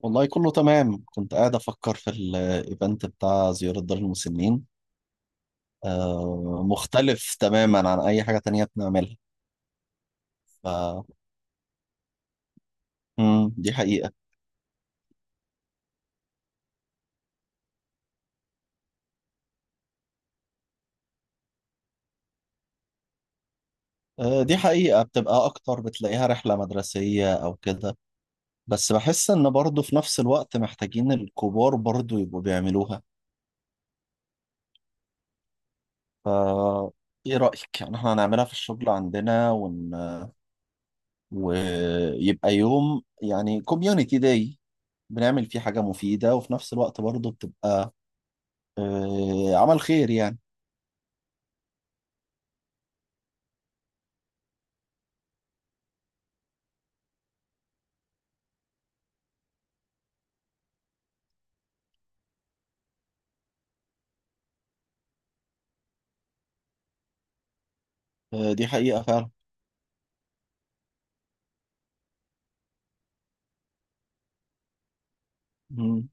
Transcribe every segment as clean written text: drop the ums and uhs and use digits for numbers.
والله كله تمام. كنت قاعد أفكر في الإيفنت بتاع زيارة دار المسنين. آه، مختلف تماما عن أي حاجة تانية بنعملها. ف... دي حقيقة. آه، دي حقيقة، بتبقى أكتر بتلاقيها رحلة مدرسية أو كده، بس بحس إن برضه في نفس الوقت محتاجين الكبار برضه يبقوا بيعملوها. ف إيه رأيك؟ يعني إحنا هنعملها في الشغل عندنا ويبقى يوم، يعني كوميونيتي داي، بنعمل فيه حاجة مفيدة وفي نفس الوقت برضه بتبقى آه، عمل خير يعني. آه، دي حقيقة فعلا. مم.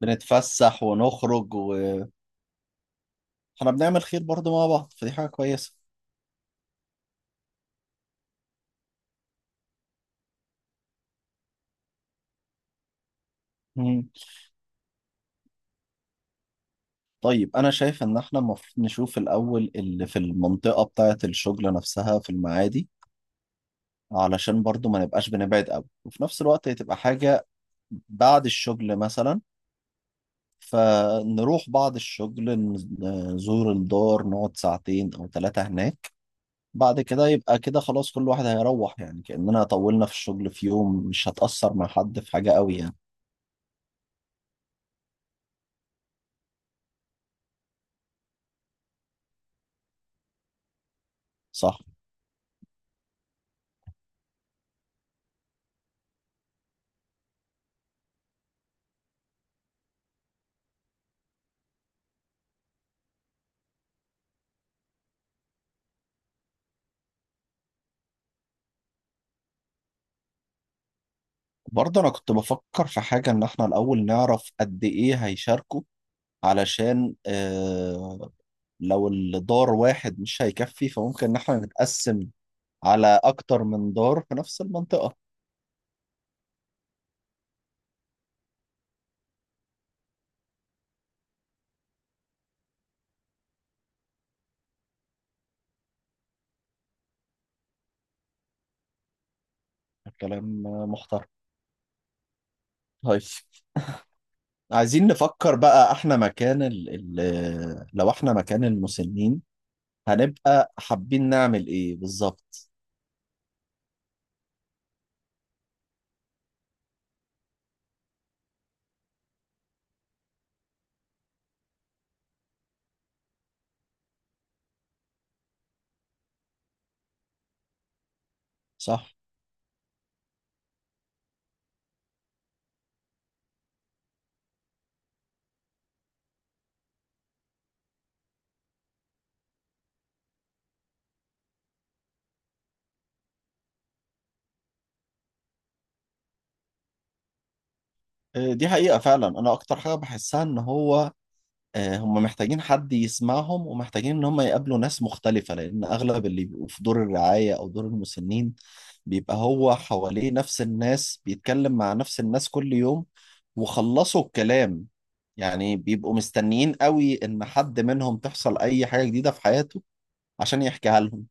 بنتفسح ونخرج واحنا بنعمل خير برضه مع بعض، فدي حاجة كويسة. مم. طيب، أنا شايف إن احنا المفروض نشوف الأول اللي في المنطقة بتاعة الشغل نفسها، في المعادي، علشان برضه ما نبقاش بنبعد قوي، وفي نفس الوقت هي تبقى حاجة بعد الشغل مثلا. فنروح بعد الشغل، نزور الدار، نقعد ساعتين أو ثلاثة هناك، بعد كده يبقى كده خلاص، كل واحد هيروح، يعني كأننا طولنا في الشغل في يوم، مش هتأثر مع حد في حاجة قوي يعني. صح. برضه أنا كنت بفكر في حاجة، إن إحنا الأول نعرف قد إيه هيشاركوا، علشان آه، لو الدار واحد مش هيكفي، فممكن إن إحنا نتقسم على أكتر من دار في نفس المنطقة. كلام محترم. طيب، عايزين نفكر بقى إحنا مكان ال لو إحنا مكان المسنين، هنبقى حابين نعمل إيه بالظبط. صح. آه، دي حقيقة فعلا، أنا أكتر حاجة بحسها إن هو آه، هم محتاجين حد يسمعهم، ومحتاجين إن هم يقابلوا ناس مختلفة، لأن أغلب اللي بيبقوا في دور الرعاية أو دور المسنين بيبقى هو حواليه نفس الناس، بيتكلم مع نفس الناس كل يوم، وخلصوا الكلام، يعني بيبقوا مستنيين قوي إن حد منهم تحصل أي حاجة جديدة في حياته عشان يحكيها لهم.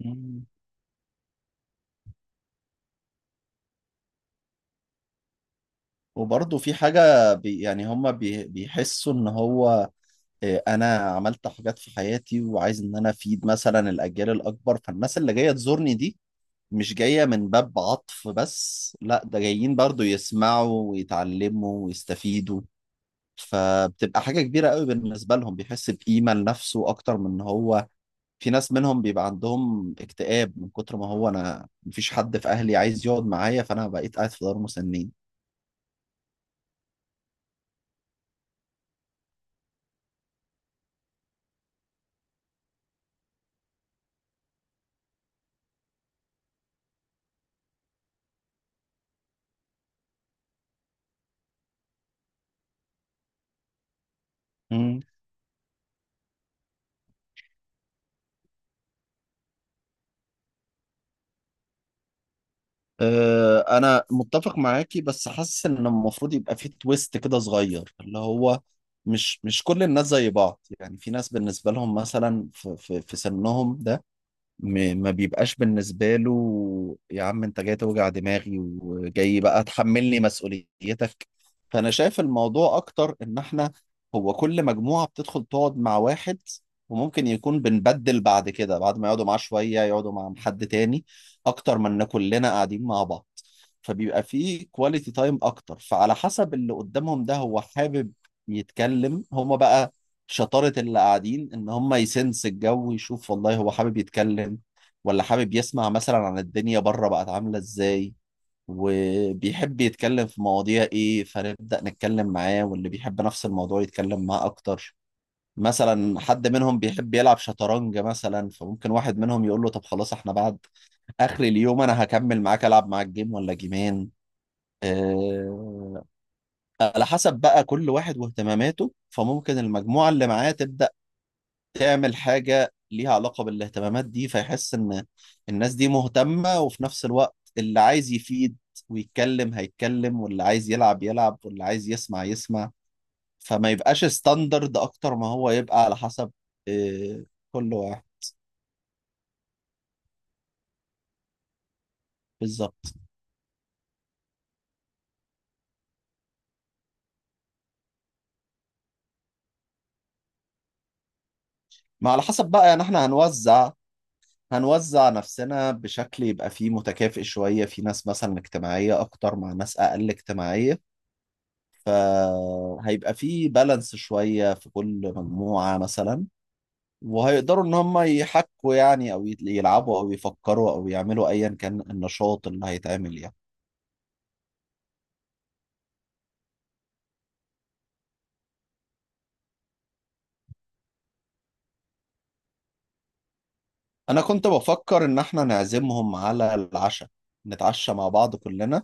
مم. وبرضه في حاجة بي يعني هم بيحسوا إن هو إيه، انا عملت حاجات في حياتي وعايز ان انا افيد مثلا الاجيال الاكبر، فالناس اللي جايه تزورني دي مش جايه من باب عطف بس، لا، ده جايين برضو يسمعوا ويتعلموا ويستفيدوا. فبتبقى حاجه كبيره قوي بالنسبه لهم، بيحس بقيمه لنفسه، اكتر من ان هو في ناس منهم بيبقى عندهم اكتئاب من كتر ما هو انا مفيش حد في اهلي عايز يقعد معايا، فانا بقيت قاعد في دار مسنين. آه، انا متفق معاكي، بس حاسس ان المفروض يبقى في تويست كده صغير، اللي هو مش كل الناس زي بعض، يعني في ناس بالنسبه لهم مثلا في سنهم ده ما بيبقاش بالنسبة له يا عم انت جاي توجع دماغي وجاي بقى تحملني مسؤوليتك. فانا شايف الموضوع اكتر ان احنا هو كل مجموعة بتدخل تقعد مع واحد، وممكن يكون بنبدل بعد كده، بعد ما يقعدوا معاه شوية يقعدوا مع حد تاني، اكتر من ان كلنا قاعدين مع بعض، فبيبقى فيه كواليتي تايم اكتر. فعلى حسب اللي قدامهم ده، هو حابب يتكلم هما بقى، شطارة اللي قاعدين إن هم يسنس الجو، يشوف والله هو حابب يتكلم ولا حابب يسمع مثلا عن الدنيا بره بقت عاملة إزاي، وبيحب يتكلم في مواضيع إيه، فنبدأ نتكلم معاه، واللي بيحب نفس الموضوع يتكلم معاه أكتر. مثلا حد منهم بيحب يلعب شطرنج مثلا، فممكن واحد منهم يقول له طب خلاص، احنا بعد آخر اليوم أنا هكمل معاك، ألعب معاك جيم ولا جيمين. آه، على حسب بقى كل واحد واهتماماته، فممكن المجموعة اللي معاه تبدأ تعمل حاجة ليها علاقة بالاهتمامات دي، فيحس إن الناس دي مهتمة، وفي نفس الوقت اللي عايز يفيد ويتكلم هيتكلم، واللي عايز يلعب يلعب، واللي عايز يسمع يسمع. فما يبقاش ستاندرد أكتر، ما هو يبقى على حسب آه، كل واحد. بالظبط. ما على حسب بقى، يعني احنا هنوزع، هنوزع نفسنا بشكل يبقى فيه متكافئ شوية، في ناس مثلا اجتماعية أكتر مع ناس أقل اجتماعية، فهيبقى فيه بالانس شوية في كل مجموعة مثلا. وهيقدروا ان هم يحكوا يعني، او يلعبوا او يفكروا او يعملوا ايا كان النشاط اللي هيتعمل يعني. انا كنت بفكر ان احنا نعزمهم على العشاء، نتعشى مع بعض كلنا،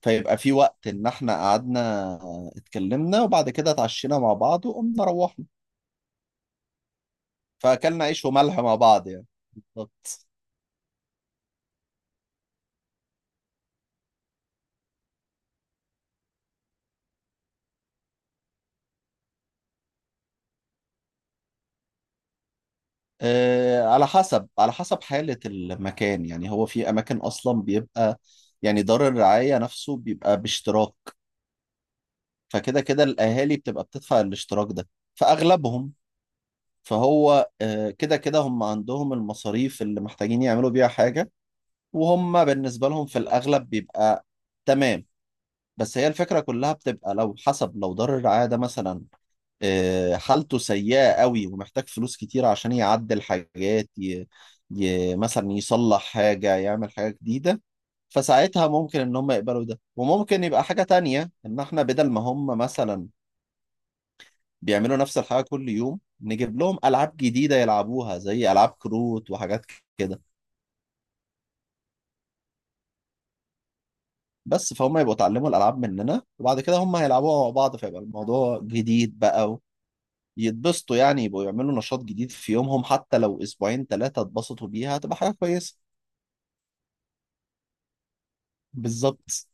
فيبقى في وقت ان احنا قعدنا اتكلمنا، وبعد كده اتعشينا مع بعض وقمنا روحنا. فاكلنا عيش وملح مع بعض يعني. بالظبط. آه، على حسب، على حسب حالة المكان، يعني هو في اماكن اصلا بيبقى يعني دار الرعاية نفسه بيبقى باشتراك، فكده كده الأهالي بتبقى بتدفع الاشتراك ده، فأغلبهم فهو آه، كده كده هم عندهم المصاريف اللي محتاجين يعملوا بيها حاجة، وهم بالنسبة لهم في الأغلب بيبقى تمام. بس هي الفكرة كلها بتبقى لو حسب، لو دار الرعاية ده مثلا آه، حالته سيئة قوي ومحتاج فلوس كتير عشان يعدل حاجات مثلا يصلح حاجة، يعمل حاجة جديدة. فساعتها ممكن ان هم يقبلوا ده. وممكن يبقى حاجة تانية، ان احنا بدل ما هم مثلا بيعملوا نفس الحاجة كل يوم، نجيب لهم ألعاب جديدة يلعبوها، زي ألعاب كروت وحاجات كده. بس فهم يبقوا اتعلموا الألعاب مننا، وبعد كده هم هيلعبوها مع بعض، فيبقى الموضوع جديد بقى، يتبسطوا يعني، يبقوا يعملوا نشاط جديد في يومهم، حتى لو أسبوعين ثلاثة اتبسطوا بيها هتبقى حاجة كويسة. بالظبط.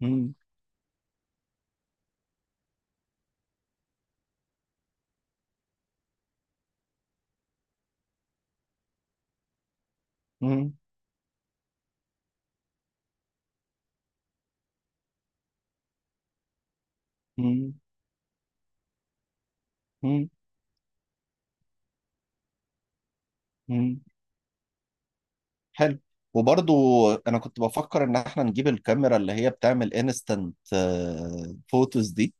مم، مم، مم، مم، مم. حلو. وبرضو انا كنت بفكر ان احنا نجيب الكاميرا اللي هي بتعمل انستنت فوتوز دي.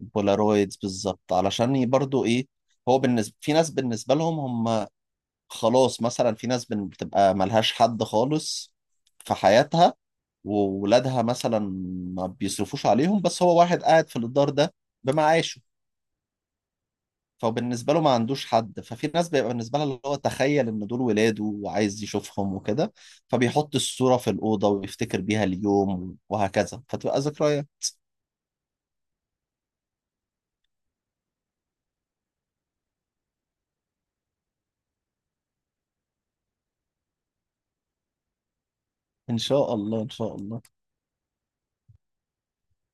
بولارويدز بالظبط. علشان برضو ايه، هو بالنسبة في ناس بالنسبة لهم هم خلاص مثلا، في ناس بتبقى ملهاش حد خالص في حياتها، وولادها مثلا ما بيصرفوش عليهم، بس هو واحد قاعد في الدار ده بمعاشه، فبالنسبة له ما عندوش حد. ففي ناس بيبقى بالنسبة لها اللي هو تخيل ان دول ولاده وعايز يشوفهم وكده، فبيحط الصورة في الأوضة ويفتكر بيها اليوم، وهكذا فتبقى ذكريات. إن شاء الله، إن شاء الله.